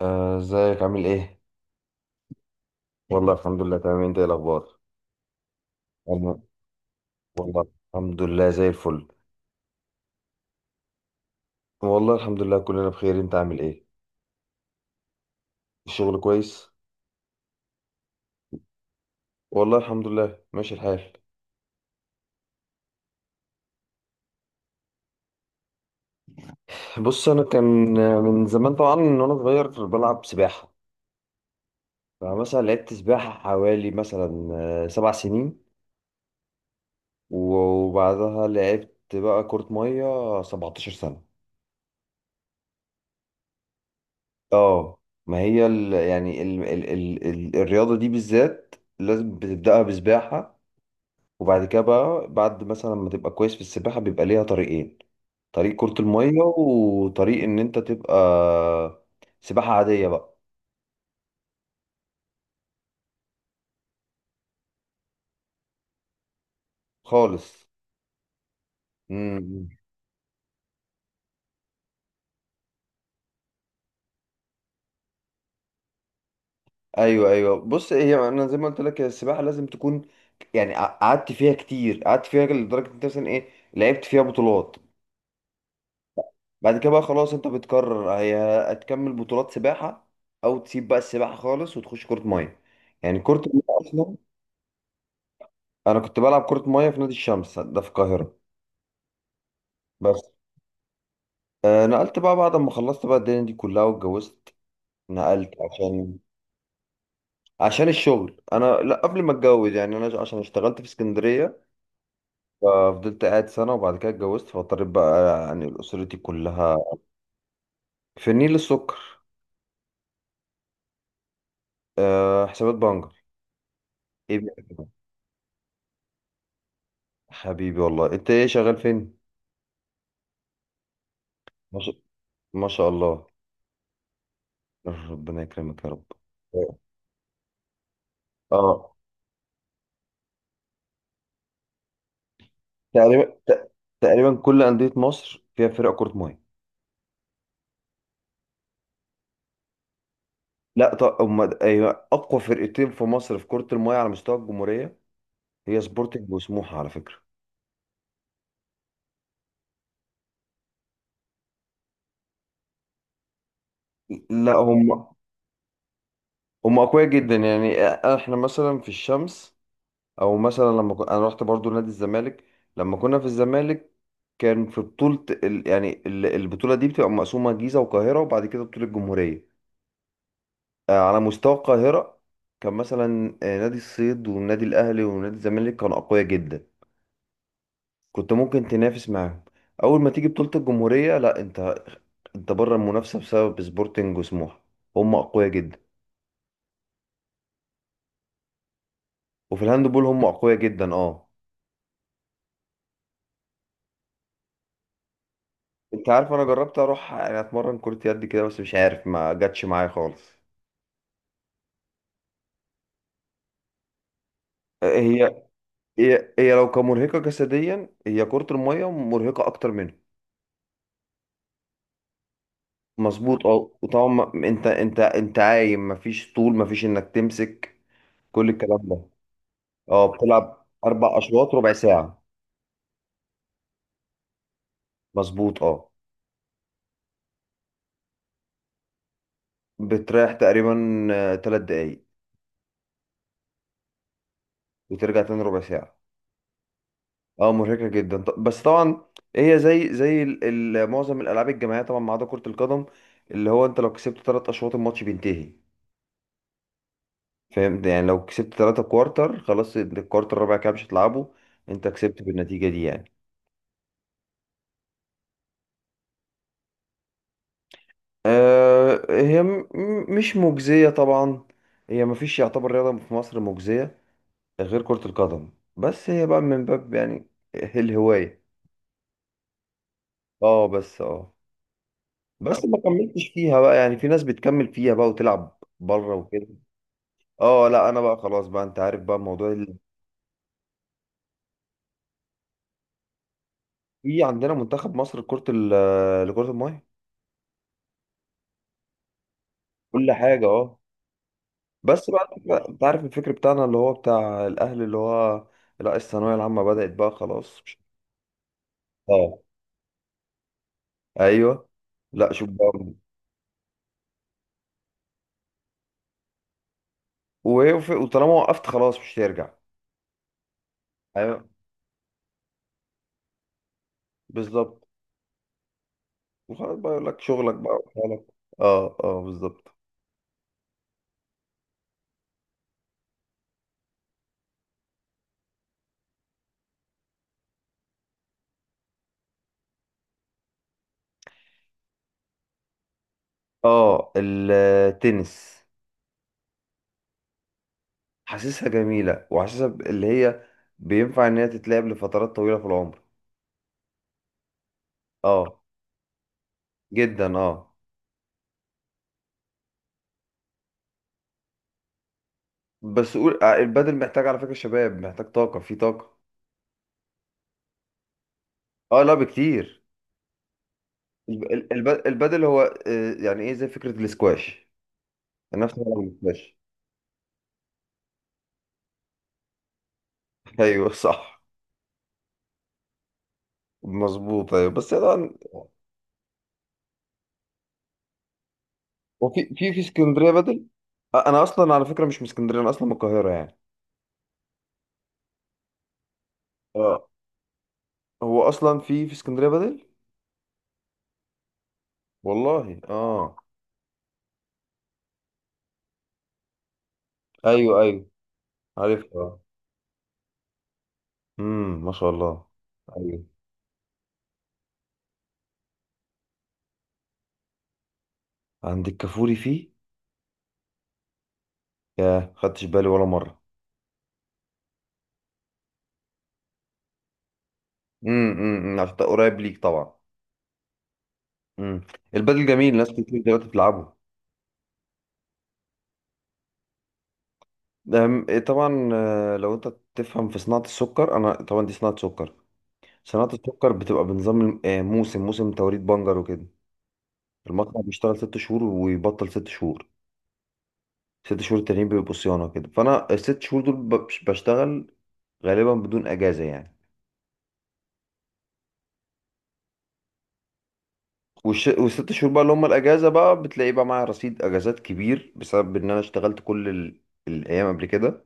ازيك عامل ايه؟ والله الحمد لله تمام، انت ايه الاخبار؟ والله. والله الحمد لله زي الفل. والله الحمد لله كلنا بخير، انت عامل ايه؟ الشغل كويس؟ والله الحمد لله ماشي الحال. بص، انا كان من زمان طبعا من وانا صغير بلعب سباحة. فمثلا لعبت سباحة حوالي مثلا 7 سنين. وبعدها لعبت بقى كرة مية 17 سنة. اه. ما هي ال يعني ال ال ال ال الرياضة دي بالذات لازم بتبدأها بسباحة. وبعد كده بقى، بعد مثلا ما تبقى كويس في السباحة، بيبقى ليها طريقين. طريق كرة المية وطريق ان انت تبقى سباحة عادية بقى. خالص. امم. ايوه، ايوه، بص، هي انا زي ما قلت لك، هي السباحة لازم تكون يعني قعدت فيها كتير، قعدت فيها لدرجة إن انت مثلا ايه، لعبت فيها بطولات. بعد كده بقى خلاص، انت بتقرر هي هتكمل بطولات سباحة او تسيب بقى السباحة خالص وتخش كرة مية. يعني كرة المية اصلا. انا كنت بلعب كرة مية في نادي الشمس ده، في القاهرة. بس نقلت بقى بعد ما خلصت بقى الدنيا دي كلها واتجوزت. نقلت عشان عشان الشغل. انا لا، قبل ما اتجوز يعني، انا عشان اشتغلت في اسكندريه، ففضلت قاعد سنه وبعد كده اتجوزت فاضطريت بقى يعني اسرتي كلها. في النيل السكر. حسابات بنجر. ايه بقى؟ حبيبي والله، انت ايه شغال فين؟ ما شاء ما شاء الله. ربنا يكرمك يا رب. اه. تقريبا ت- تقريبا كل انديه مصر فيها فرق كره ميه. لا طب أيوة، أقوى فرقتين في مصر في كرة المية على مستوى الجمهورية هي سبورتنج وسموحة على فكرة. لا، هم أقوياء جدا يعني. إحنا مثلا في الشمس، أو مثلا أنا رحت برضو نادي الزمالك. لما كنا في الزمالك كان في بطولة ال... يعني ال- البطولة دي بتبقى مقسومة جيزة والقاهرة، وبعد كده بطولة الجمهورية. على مستوى القاهرة كان مثلا نادي الصيد والنادي الأهلي ونادي الزمالك كانوا أقوياء جدا. كنت ممكن تنافس معاهم. اول ما تيجي بطولة الجمهورية، لا، انت بره المنافسة بسبب سبورتنج وسموحة. هم اقوياء جدا. وفي الهاند بول هم اقوياء جدا، اه. انت عارف، انا جربت اروح يعني اتمرن كرة يد كده، بس مش عارف، ما جاتش معايا خالص. هي هي هي لو كمرهقة جسديا، هي كرة المية مرهقة اكتر منها. مظبوط اه، وطبعا انت عايم، مفيش طول، مفيش انك تمسك كل الكلام ده. اه، بتلعب 4 اشواط ربع ساعة. مظبوط اه. بتريح تقريبا 3 دقايق وترجع تاني ربع ساعة. اه مرهقة جدا، بس طبعا هي زي معظم الألعاب الجماعية طبعا ما عدا كرة القدم، اللي هو انت لو كسبت 3 أشواط الماتش بينتهي. فاهم؟ يعني لو كسبت 3 كوارتر خلاص، انت الكوارتر الرابع كده مش هتلعبه، انت كسبت بالنتيجة دي يعني. هي مش مجزية طبعا. هي مفيش يعتبر رياضة في مصر مجزية غير كرة القدم. بس هي بقى من باب يعني الهواية. اه بس اه. بس ما كملتش فيها بقى، يعني في ناس بتكمل فيها بقى وتلعب بره وكده. اه لا، انا بقى خلاص بقى، انت عارف بقى موضوع في عندنا منتخب مصر لكرة المية. كل حاجة اه. بس بقى انت عارف الفكر بتاعنا اللي هو بتاع الاهل اللي هو، لا الثانوية العامة بدأت بقى خلاص مش. اه ايوه. لا، شوف بقى. وطالما وقفت خلاص مش هترجع. ايوه بالظبط. وخلاص بقى يقول لك شغلك بقى وحالك. اه اه بالظبط. اه، التنس. حاسسها جميلة وحاسسها اللي هي بينفع إن هي تتلعب لفترات طويلة في العمر. اه. جدا اه. بس قول البادل محتاج على فكرة شباب، محتاج طاقة في طاقة. اه لا بكتير. البادل هو يعني ايه زي فكرة الاسكواش، نفس فكرة الاسكواش. ايوه صح. مظبوط ايوه بس طبعا وفي في في اسكندرية بادل. انا اصلا على فكرة مش من اسكندرية، انا اصلا من القاهرة يعني. اه، هو اصلا في اسكندرية بادل. والله اه. ايوه، ايوه، عارف. امم، ما شاء الله. ايوه، عندك كفوري فيه. يا خدتش بالي ولا مره. امم، امم، عشان ده قريب ليك طبعا. امم. البدل جميل، ناس كتير دلوقتي بتلعبه. إيه طبعا، لو انت تفهم في صناعه السكر، انا طبعا دي صناعه سكر. صناعه السكر بتبقى بنظام موسم توريد بنجر وكده. المصنع بيشتغل 6 شهور ويبطل 6 شهور. ست شهور التانيين بيبقوا صيانه كده، فانا ال6 شهور دول بشتغل غالبا بدون اجازه يعني. وال6 شهور بقى اللي هم الاجازه، بقى بتلاقي بقى معايا رصيد اجازات كبير بسبب ان انا اشتغلت كل الايام قبل كده،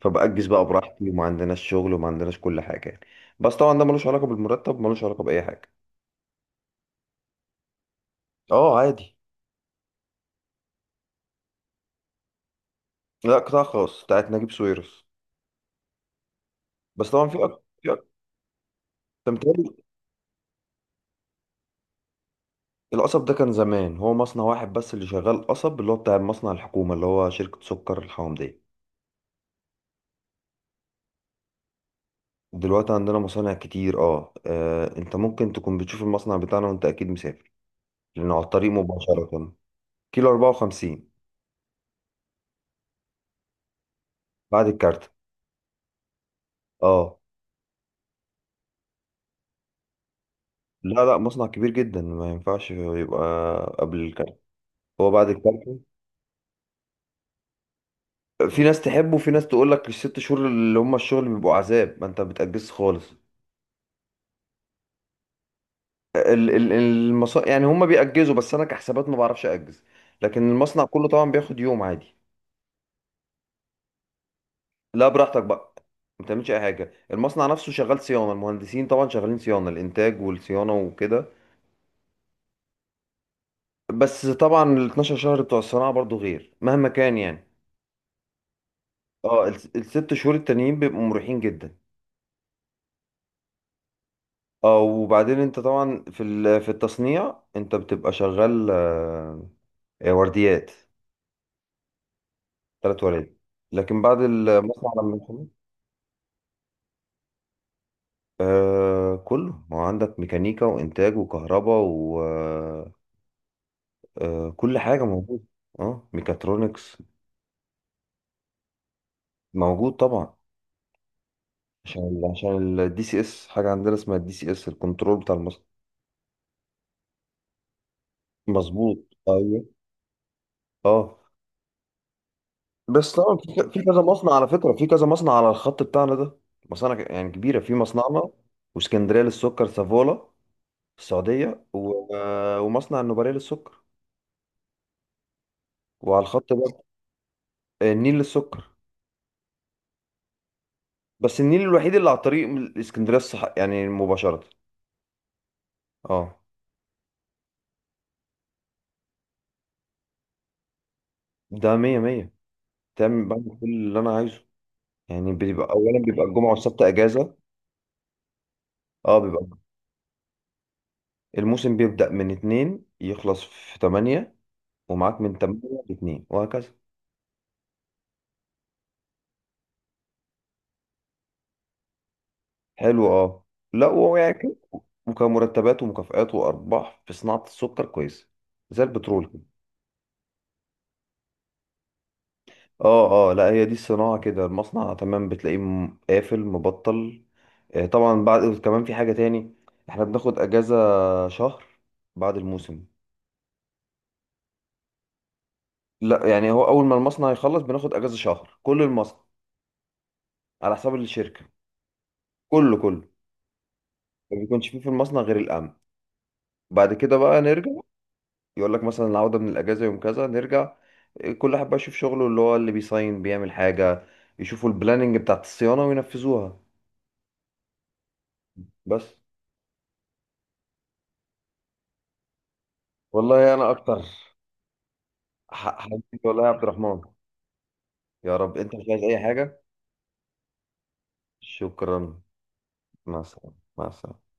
فبأجز بقى براحتي وما عندناش شغل وما عندناش كل حاجه يعني. بس طبعا ده ملوش علاقه بالمرتب، ملوش علاقه باي حاجه. اه عادي. لا، قطاع خاص بتاعت نجيب ساويرس. بس طبعا أنت متهيألي. القصب ده كان زمان، هو مصنع واحد بس اللي شغال قصب، اللي هو بتاع مصنع الحكومه، اللي هو شركه سكر الحومديه. دلوقتي عندنا مصانع كتير اه، انت ممكن تكون بتشوف المصنع بتاعنا وانت اكيد مسافر، لأنه على الطريق مباشرة. كيلو 54. بعد الكارت. اه، لا، لا، مصنع كبير جدا ما ينفعش يبقى قبل الكارت. هو بعد الكارت. في ناس تحبه وفي ناس تقول لك ال6 شهور اللي هم الشغل بيبقوا عذاب، ما انت بتأجز خالص. ال- ال- المصا يعني هم بيأجزوا، بس انا كحسابات ما بعرفش أجز، لكن المصنع كله طبعا بياخد يوم عادي. لا، براحتك بقى، ما بتعملش اي حاجه. المصنع نفسه شغال صيانه، المهندسين طبعا شغالين صيانه الانتاج والصيانه وكده. بس طبعا ال 12 شهر بتوع الصناعة برضو غير مهما كان يعني. اه، ال6 شهور التانيين بيبقوا مريحين جدا. اه وبعدين انت طبعا في التصنيع انت بتبقى شغال ورديات. 3 ورديات. لكن بعد المصنع لما يخلص، كله، ما هو عندك ميكانيكا وانتاج وكهرباء وكل حاجة موجودة. اه، ميكاترونكس موجود طبعا. عشان الدي سي اس، حاجة عندنا اسمها الدي سي اس الكنترول بتاع المصنع. مظبوط ايوه اه، بس طبعا في كذا مصنع على فكره، في كذا مصنع على الخط بتاعنا ده. مصانع يعني كبيره. في مصنعنا واسكندريه للسكر سافولا في السعوديه و... آه، ومصنع النوبارية للسكر. وعلى الخط برضه النيل للسكر. بس النيل الوحيد اللي على طريق من اسكندريه الصح يعني مباشره. اه، ده مية مية، تعمل بعمل كل اللي انا عايزه. يعني بيبقى اولا الجمعه والسبت اجازه. اه بيبقى الموسم بيبدأ من اتنين يخلص في تمانية، ومعاك من تمانية لاتنين وهكذا. حلو اه. لا، هو يعني وكان مرتبات ومكافآت وأرباح في صناعة السكر كويسة، زي البترول كده. اه، اه، لا هي دي الصناعة كده، المصنع تمام بتلاقيه قافل مبطل. طبعا بعد كمان في حاجة تاني، احنا بناخد أجازة شهر بعد الموسم. لا يعني، هو أول ما المصنع يخلص بناخد أجازة شهر كل المصنع، على حساب الشركة. كله كله. ما بيكونش فيه في المصنع غير الأمن. بعد كده بقى نرجع، يقول لك مثلا العودة من الأجازة يوم كذا، نرجع. كل واحد بقى يشوف شغله، اللي هو اللي بيصين بيعمل حاجة، يشوفوا البلاننج بتاعت الصيانة وينفذوها. بس. والله أنا أكتر. حبيبي والله يا عبد الرحمن. يا رب. أنت مش عايز أي حاجة؟ شكرا. مع السلامة، مع السلامة.